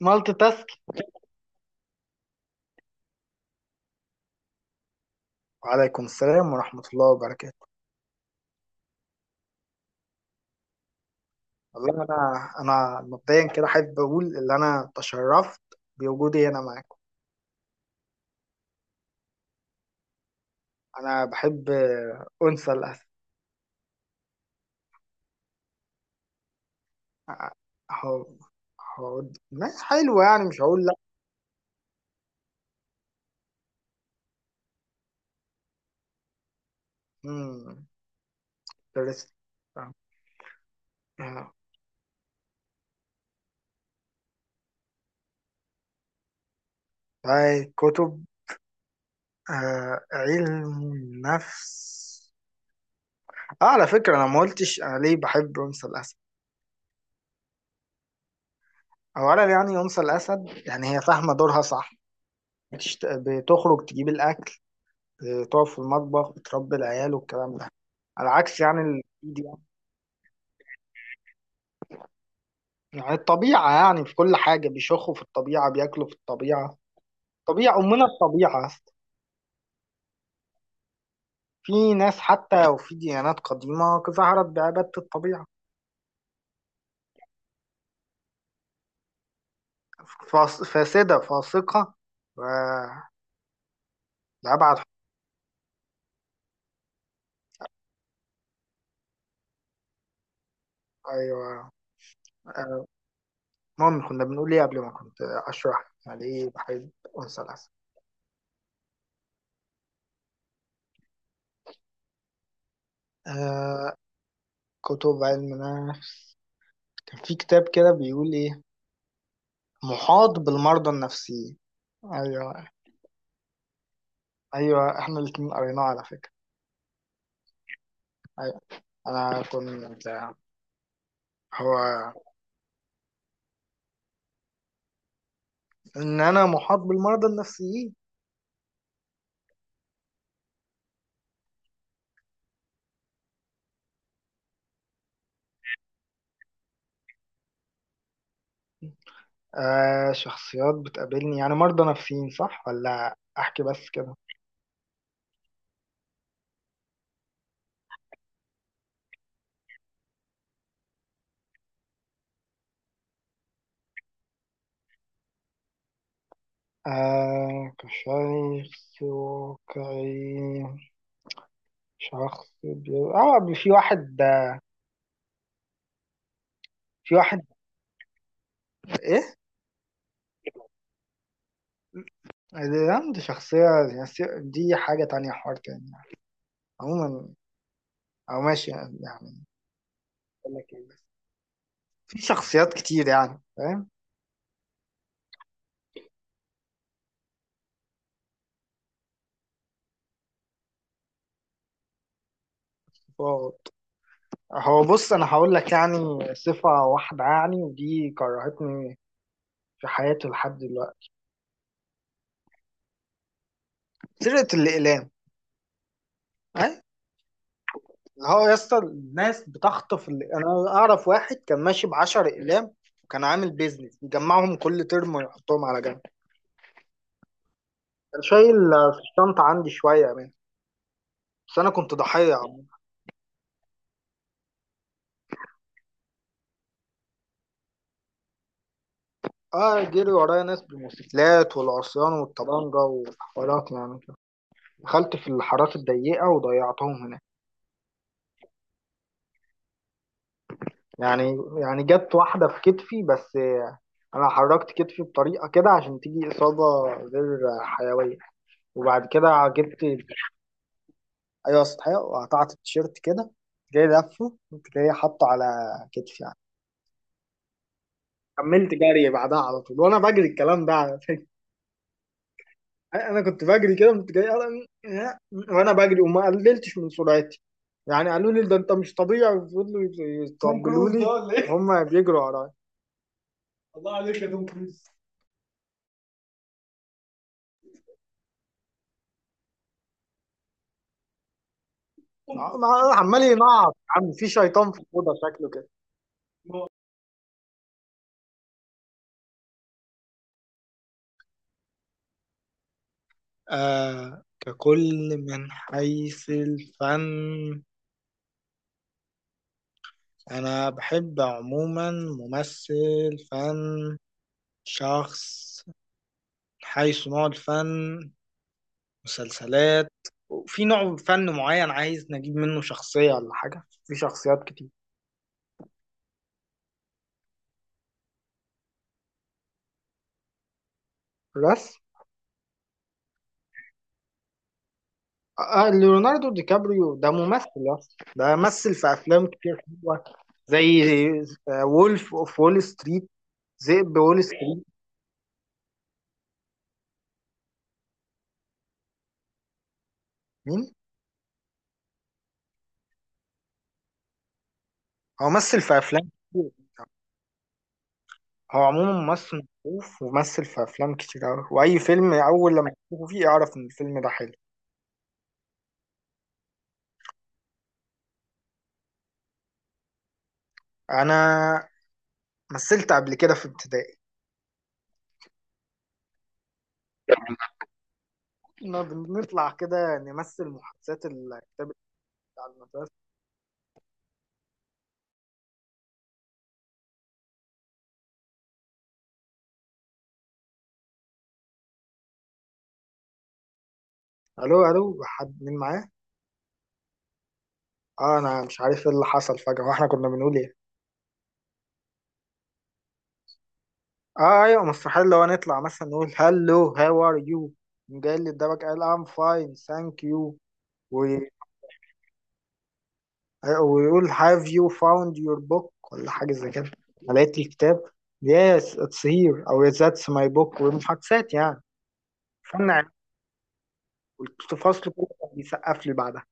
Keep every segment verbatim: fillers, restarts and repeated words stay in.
مالتي تاسك. وعليكم السلام ورحمة الله وبركاته. والله أنا أنا مبدئيا كده أحب أقول إن أنا تشرفت بوجودي هنا معاكم. أنا بحب أنثى الأسد. أهو أهو، ما حلوة يعني، مش هقول لأ. مم، درست. آه، طيب، كتب آه، علم النفس. آه، على فكرة أنا ما قلتش أنا ليه بحب أنثى الأسد. أولا يعني أنثى الأسد، يعني هي فاهمة دورها صح. بتشت- بتخرج تجيب الأكل، آه، تقف في المطبخ، بتربي العيال والكلام ده. على عكس يعني ال- دي يعني. يعني الطبيعة، يعني في كل حاجة بيشخوا في الطبيعة، بياكلوا في الطبيعة. طبيعة أمنا الطبيعة أصلا. في ناس حتى وفي ديانات قديمة ظهرت بعبادة الطبيعة. فاس- فاسدة فاسقة و- لأبعد حد. أيوة. المهم، كنا بنقول إيه قبل ما كنت أشرح يعني إيه بحيث أنثى الأسد. آه كتب علم النفس، كان في كتاب كده بيقول إيه، محاط بالمرضى النفسيين. ايوه. ايوه، احنا الاتنين قريناه على فكره. ايوه، انا كنت. هو، ان انا محاط بالمرضى النفسيين. آه شخصيات بتقابلني يعني مرضى نفسيين صح، ولا احكي بس كده؟ آه كشخص واقعي. شخص بي... اه بي- في واحد في واحد ايه. ده دي شخصية، يعني دي حاجة تانية، حوار تاني يعني. عموما، او ماشي يعني. أقول لك إيه. في شخصيات كتير يعني، فاهم؟ هو هو بص، انا هقول لك يعني صفة واحدة يعني، ودي كرهتني في حياتي لحد دلوقتي. سرقة الاقلام. ها. اللي هو يا اسطى، الناس بتخطف ال- انا اعرف واحد كان ماشي ب عشرة اقلام، وكان عامل بيزنس يجمعهم كل ترم ويحطهم على جنب. كان شايل في الشنطة عندي شوية منه، بس انا كنت ضحية عمو. اه جري ورايا ناس بالموتوسيكلات والعصيان والطبانجة وحوارات يعني كده، دخلت في الحارات الضيقة وضيعتهم هناك. يعني يعني جت واحدة في كتفي بس. أنا حركت كتفي بطريقة كده عشان تيجي إصابة غير حيوية، وبعد كده جبت. أيوة، سطحية، وقطعت التيشيرت كده. جاي لفه، كنت جاي حاطه على كتفي يعني. كملت جري بعدها على طول، وأنا بجري الكلام ده على فكرة. أنا كنت بجري كده، كنت جاي وأنا بجري وما قللتش من سرعتي يعني. قالوا لي ده أنت مش طبيعي، وفضلوا توم يطبلوا كروز ده لي ولا ايه؟ وهم بيجروا ورايا. الله عليك يا توم كروز. مع- عمال ينعط يا عم، في شيطان في الأوضة شكله كده. آه ككل، من حيث الفن. أنا بحب عموما ممثل فن، شخص، حيث نوع الفن، مسلسلات. وفي نوع فن معين عايز نجيب منه شخصية ولا حاجة؟ في شخصيات كتير. بس، آه، آه، ليوناردو دي كابريو ده ممثل يا اسطى. ده مثل في أفلام كتير حلوة، زي وولف أوف وول ستريت، ذئب وول ستريت. مين؟ هو مثل في افلام كتير. هو عموما ممثل معروف، وممثل في افلام كتير قوي، واي فيلم اول لما تشوفه فيه اعرف ان الفيلم ده حلو. انا مثلت قبل كده في ابتدائي. كنا بنطلع كده نمثل محادثات الكتاب بتاع المدرسه. الو الو، حد، مين معاه؟ اه انا مش عارف ايه اللي حصل فجاه، واحنا كنا بنقول ايه. اه ايوه، مستحيل. لو نطلع مثلا نقول هلو هاو ار يو، قام جاي للدرجه قال ام فاين ثانك يو، ويقول have you found your book ولا حاجة زي كده، لقيت الكتاب yes it's here أو "Yes, that's my book، ومحاكسات يعني. فن عام. والفصل كله كان بيسقف لي بعدها،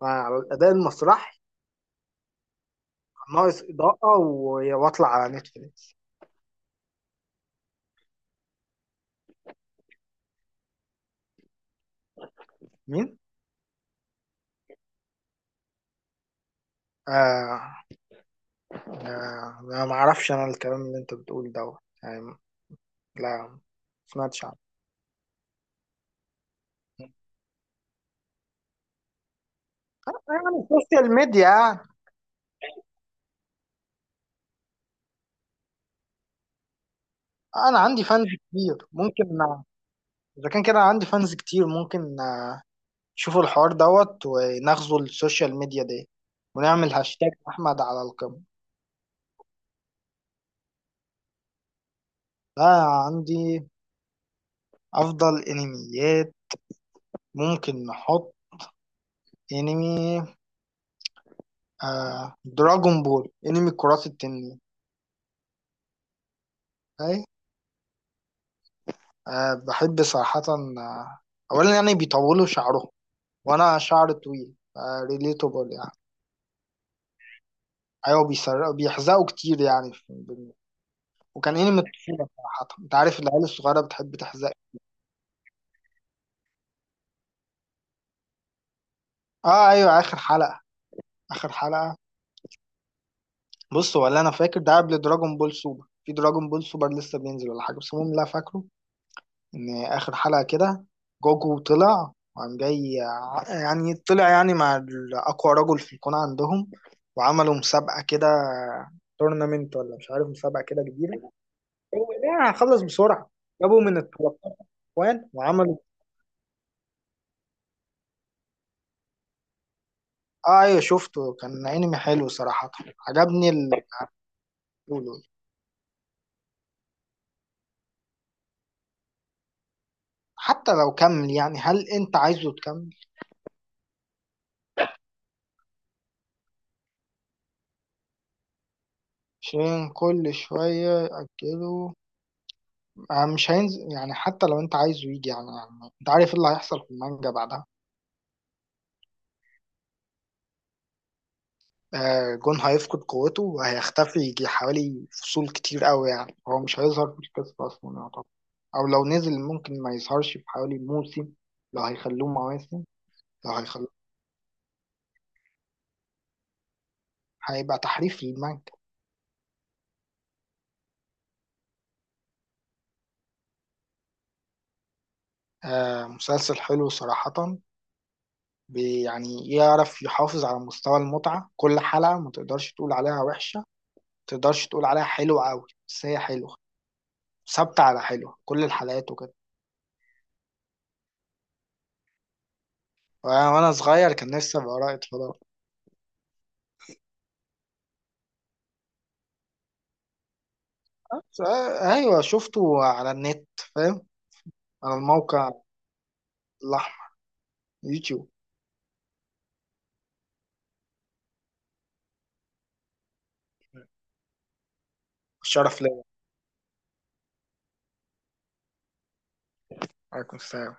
فعلى الأداء المسرحي. كان ناقص إضاءة و- وأطلع على نتفليكس. مين؟ آه آه أنا ما أعرفش، أنا الكلام اللي أنت بتقول دوت يعني. لا، ما سمعتش عنه. يعني السوشيال ميديا. أنا عندي فانز كتير ممكن، إذا كان كده عندي فانز كتير ممكن. شوفوا الحوار دوت، وناخذوا السوشيال ميديا دي، ونعمل هاشتاج احمد على القمة. ده عندي افضل انميات، ممكن نحط انمي، آه دراجون بول، انمي كرات التنين. اي، آه بحب صراحة. آه اولا يعني بيطولوا شعرهم، وانا شعر طويل، آه ريليتابل يعني. ايوه، بيسرقوا بيحزقوا كتير يعني في- الدنيا. وكان انمي الطفولة صراحة، انت عارف العيال الصغيرة بتحب تحزق. اه ايوه، اخر حلقة. اخر حلقة، بص، هو اللي انا فاكر ده قبل دراجون بول سوبر، في دراجون بول سوبر لسه بينزل ولا حاجه، بس المهم اللي أنا فاكره ان اخر حلقه كده، جوجو طلع وقام جاي ع- يعني طلع يعني مع ال- اقوى رجل في الكون عندهم، وعملوا مسابقه كده، تورنمنت ولا مش عارف، مسابقه كده كبيره. هو ده يعني، خلص بسرعه. جابوا من ال ثلاثة عشر، وان، وعملوا. اه ايوه، شفته، كان انمي حلو صراحه. عجبني اللي بيقولوا. حتى لو كمل يعني، هل انت عايزه تكمل؟ عشان كل شوية يأجلوا. آه، مش هينزل يعني، حتى لو انت عايزه يجي يعني، يعني انت عارف ايه اللي هيحصل في المانجا بعدها. آه، جون هيفقد قوته وهيختفي، يجي حوالي فصول كتير قوي، يعني هو مش هيظهر في القصة أصلا يعتبر. أو لو نزل ممكن ما يظهرش في حوالي موسم، لو هيخلوه مواسم. لو هيخلوه هيبقى تحريف للمانجا. آه، مسلسل حلو صراحة. بي- يعني يعرف يحافظ على مستوى المتعة كل حلقة، ما تقدرش تقول عليها وحشة، تقدرش تقول عليها حلوة قوي، بس هي حلوة، ثابتة على حلوة كل الحلقات وكده. وأنا وأنا صغير، كان نفسي أبقى رائد فضاء. بس، آه، أيوة، شفته على النت، فاهم، على الموقع الأحمر، يوتيوب. الشرف ليا. عليكم السلام.